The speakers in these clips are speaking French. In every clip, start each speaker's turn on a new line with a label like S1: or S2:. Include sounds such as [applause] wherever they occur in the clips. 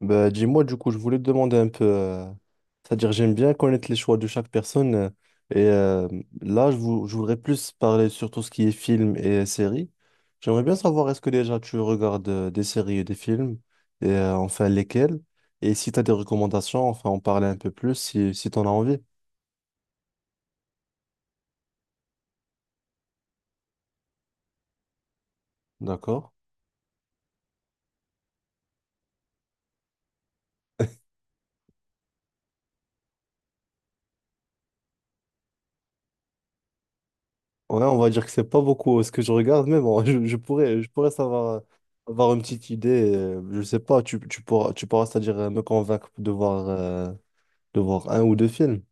S1: Bah, dis-moi, du coup, je voulais te demander un peu. C'est-à-dire, j'aime bien connaître les choix de chaque personne. Et là, je voudrais plus parler sur tout ce qui est films et séries. J'aimerais bien savoir, est-ce que déjà tu regardes des séries et des films? Et enfin, lesquels? Et si tu as des recommandations, enfin, en parler un peu plus si tu en as envie. D'accord? Ouais, on va dire que c'est pas beaucoup ce que je regarde, mais bon, [laughs] je pourrais savoir, avoir une petite idée. Je sais pas, tu pourras, c'est-à-dire, me convaincre de voir. De voir un ou deux films.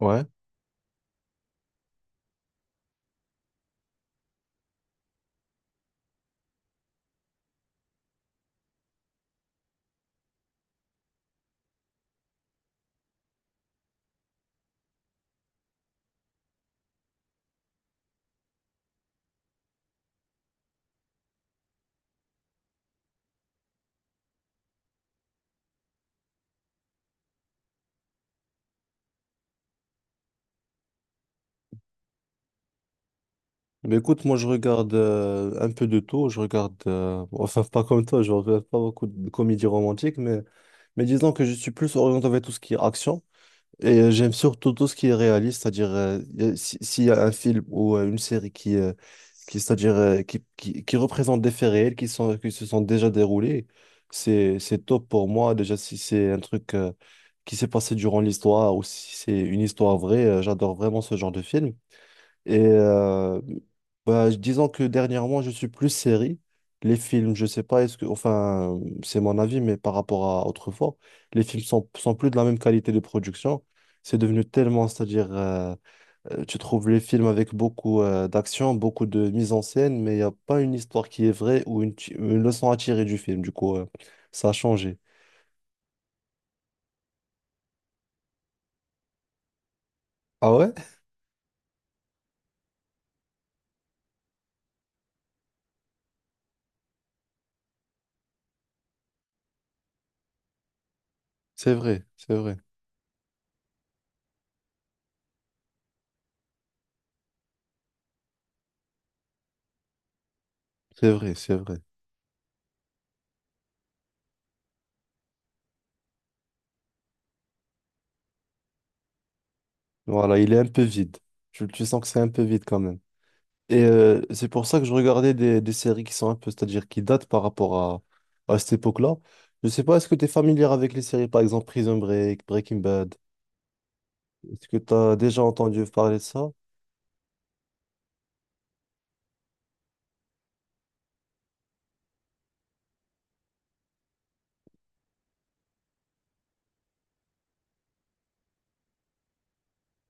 S1: Ouais. Mais écoute, moi je regarde un peu de tout. Je regarde, [laughs] enfin pas comme toi, je regarde pas beaucoup de comédies romantiques, mais disons que je suis plus orienté vers tout ce qui est action. Et j'aime surtout tout ce qui est réaliste, c'est-à-dire y a- si- s'il y a un film ou une série qui représente des faits réels qui se sont déjà déroulés, c'est top pour moi. Déjà, si c'est un truc qui s'est passé durant l'histoire ou si c'est une histoire vraie, j'adore vraiment ce genre de film. Et bah, disons que dernièrement, je suis plus série. Les films, je sais pas, est-ce que, enfin, c'est mon avis, mais par rapport à autrefois, les films sont plus de la même qualité de production. C'est devenu tellement, c'est-à-dire, tu trouves les films avec beaucoup d'action, beaucoup de mise en scène, mais il n'y a pas une histoire qui est vraie ou une leçon à tirer du film. Du coup, ça a changé. Ah ouais? C'est vrai, c'est vrai, c'est vrai, c'est vrai. Voilà, il est un peu vide. Tu sens que c'est un peu vide quand même. Et c'est pour ça que je regardais des séries qui sont un peu, c'est-à-dire qui datent par rapport à cette époque-là. Je sais pas, est-ce que tu es familière avec les séries, par exemple Prison Break, Breaking Bad? Est-ce que tu as déjà entendu parler de ça?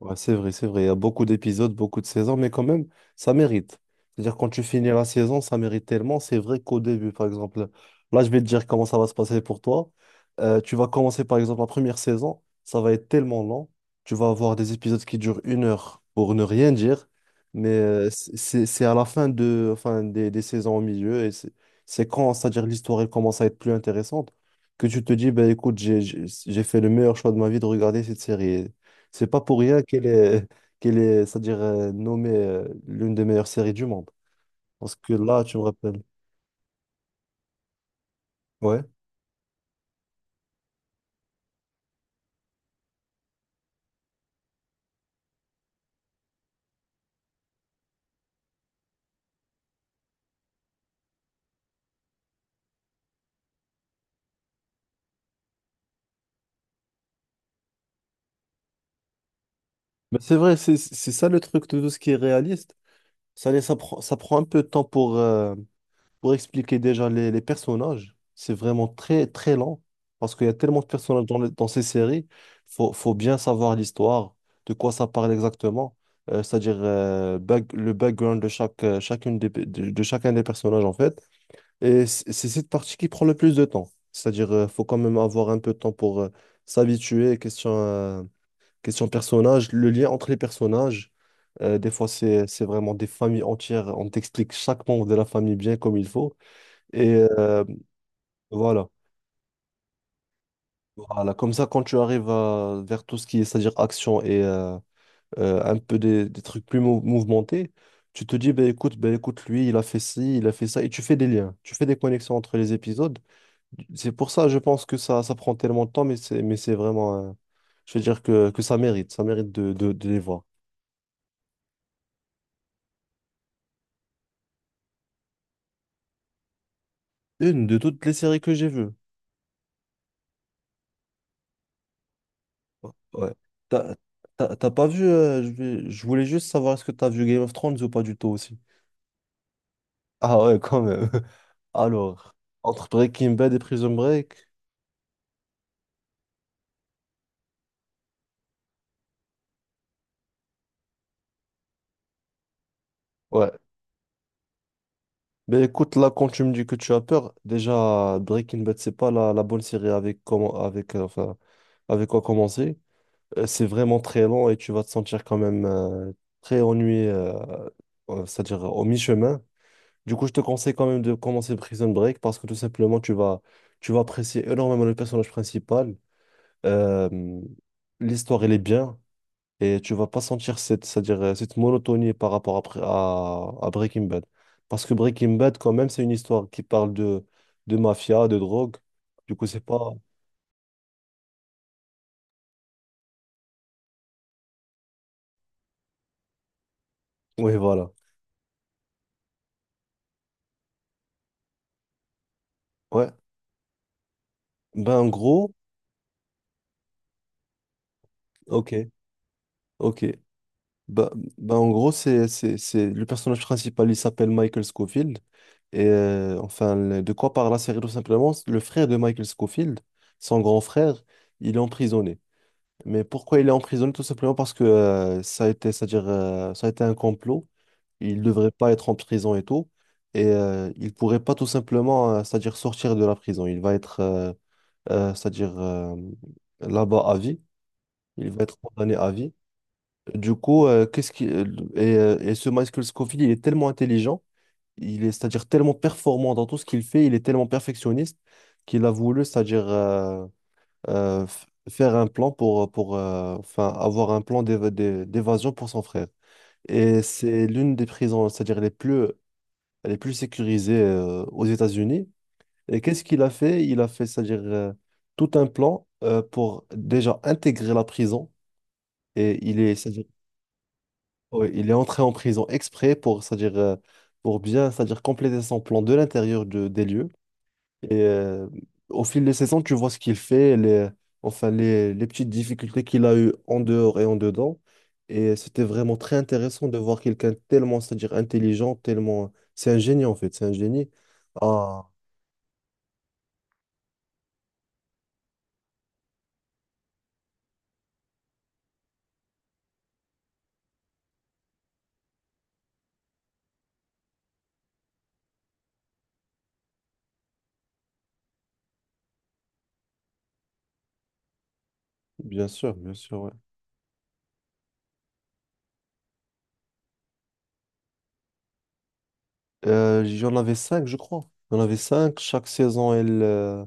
S1: Ouais, c'est vrai, c'est vrai. Il y a beaucoup d'épisodes, beaucoup de saisons, mais quand même, ça mérite. C'est-à-dire, quand tu finis la saison, ça mérite tellement. C'est vrai qu'au début, par exemple, là, je vais te dire comment ça va se passer pour toi. Tu vas commencer, par exemple, la première saison, ça va être tellement long. Tu vas avoir des épisodes qui durent une heure pour ne rien dire, mais c'est à la fin de, enfin, des saisons au milieu, et c'est quand, c'est-à-dire, l'histoire elle commence à être plus intéressante, que tu te dis, ben écoute, j'ai fait le meilleur choix de ma vie de regarder cette série. C'est pas pour rien qu'elle est, c'est-à-dire nommée l'une des meilleures séries du monde. Parce que là, tu me rappelles. Ouais. Mais c'est vrai, c'est ça le truc de tout ce qui est réaliste. Ça prend un peu de temps pour expliquer déjà les personnages. C'est vraiment très, très lent. Parce qu'il y a tellement de personnages dans ces séries. Faut bien savoir l'histoire, de quoi ça parle exactement. C'est-à-dire le background de chaque, chacune des, pe- de chacun des personnages, en fait. Et c'est cette partie qui prend le plus de temps. C'est-à-dire, faut quand même avoir un peu de temps pour s'habituer. Question personnage, le lien entre les personnages. Des fois, c'est vraiment des familles entières. On t'explique chaque membre de la famille bien comme il faut. Et voilà. Voilà. Comme ça, quand tu arrives vers tout ce qui est, c'est-à-dire action et un peu des trucs plus mouvementés, tu te dis, ben écoute, lui, il a fait ci, il a fait ça. Et tu fais des liens. Tu fais des connexions entre les épisodes. C'est pour ça, je pense que ça prend tellement de temps, mais c'est vraiment. Je veux dire que ça mérite. Ça mérite de les voir. Une de toutes les séries que j'ai vues. Oh, ouais. T'as, t'as pas vu. Je voulais juste savoir est-ce que t'as vu Game of Thrones ou pas du tout aussi. [laughs] Ah ouais, quand même. [laughs] Alors, entre Breaking Bad et Prison Break. Ouais. Mais écoute, là, quand tu me dis que tu as peur, déjà, Breaking Bad, c'est pas la bonne série avec, comment, avec, enfin, avec quoi commencer. C'est vraiment très lent et tu vas te sentir quand même très ennuyé, c'est-à-dire au mi-chemin. Du coup, je te conseille quand même de commencer Prison Break parce que tout simplement, tu vas apprécier énormément le personnage principal. Euh, l'histoire, elle est bien et tu vas pas sentir cette, c'est-à-dire cette monotonie par rapport à Breaking Bad. Parce que Breaking Bad, quand même, c'est une histoire qui parle de mafia, de drogue. Du coup, c'est pas. Oui, voilà. Ouais. Ben, en gros, ok, ok. Bah, bah, en gros, c'est le personnage principal, il s'appelle Michael Scofield. Et enfin, de quoi parle la série tout simplement? C'est le frère de Michael Scofield, son grand frère, il est emprisonné. Mais pourquoi il est emprisonné? Tout simplement parce que c'est-à-dire, ça a été un complot. Il ne devrait pas être en prison et tout. Et il pourrait pas tout simplement, c'est-à-dire sortir de la prison. Il va être, c'est-à-dire, là-bas à vie. Il va être condamné à vie. Du coup, qu'est-ce qui et ce Michael Scofield, il est tellement intelligent, il est c'est-à-dire tellement performant dans tout ce qu'il fait, il est tellement perfectionniste qu'il a voulu, c'est-à-dire faire un plan pour pour enfin avoir un plan d'évasion pour son frère. Et c'est l'une des prisons, c'est-à-dire les plus sécurisées aux États-Unis. Et qu'est-ce qu'il a fait? Il a fait, c'est-à-dire tout un plan pour déjà intégrer la prison. Et il est. Oui, il est entré en prison exprès pour, c'est-à-dire, pour bien, c'est-à-dire compléter son plan de l'intérieur des lieux. Et au fil des saisons, tu vois ce qu'il fait, les, enfin, les petites difficultés qu'il a eues en dehors et en dedans. Et c'était vraiment très intéressant de voir quelqu'un tellement, c'est-à-dire intelligent, tellement. C'est un génie, en fait, c'est un génie. Ah, bien sûr, ouais. J'en avais cinq, je crois. J'en avais cinq. Chaque saison, elle, euh,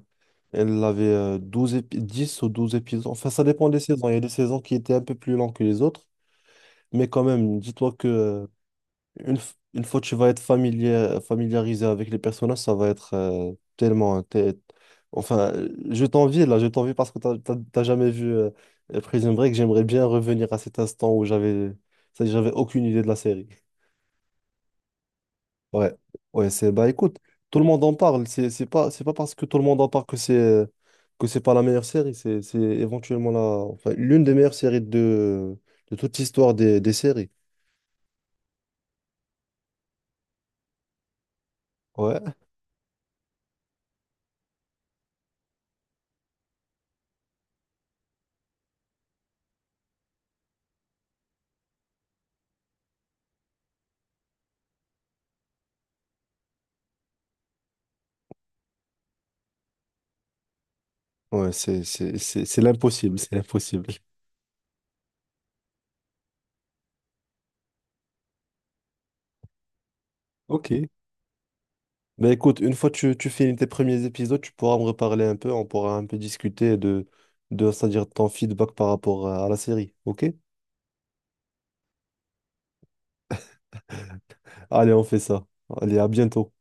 S1: Elle avait 12 10 ou 12 épisodes. Enfin, ça dépend des saisons. Il y a des saisons qui étaient un peu plus longues que les autres. Mais quand même, dis-toi que une fois que tu vas être familiarisé avec les personnages, ça va être tellement. Hein, Enfin, je t'envie là, je t'envie parce que t'as jamais vu Prison Break. J'aimerais bien revenir à cet instant où j'avais aucune idée de la série. Ouais, ouais, c'est bah écoute, tout le monde en parle. C'est pas parce que tout le monde en parle que c'est pas la meilleure série. C'est éventuellement la enfin l'une des meilleures séries de toute l'histoire des séries. Ouais, ouais, c'est l'impossible, c'est l'impossible. Ok. Mais écoute, une fois que tu finis tes premiers épisodes, tu pourras me reparler un peu, on pourra un peu discuter de c'est-à-dire ton feedback par rapport à la série. Ok? Allez, on fait ça. Allez, à bientôt.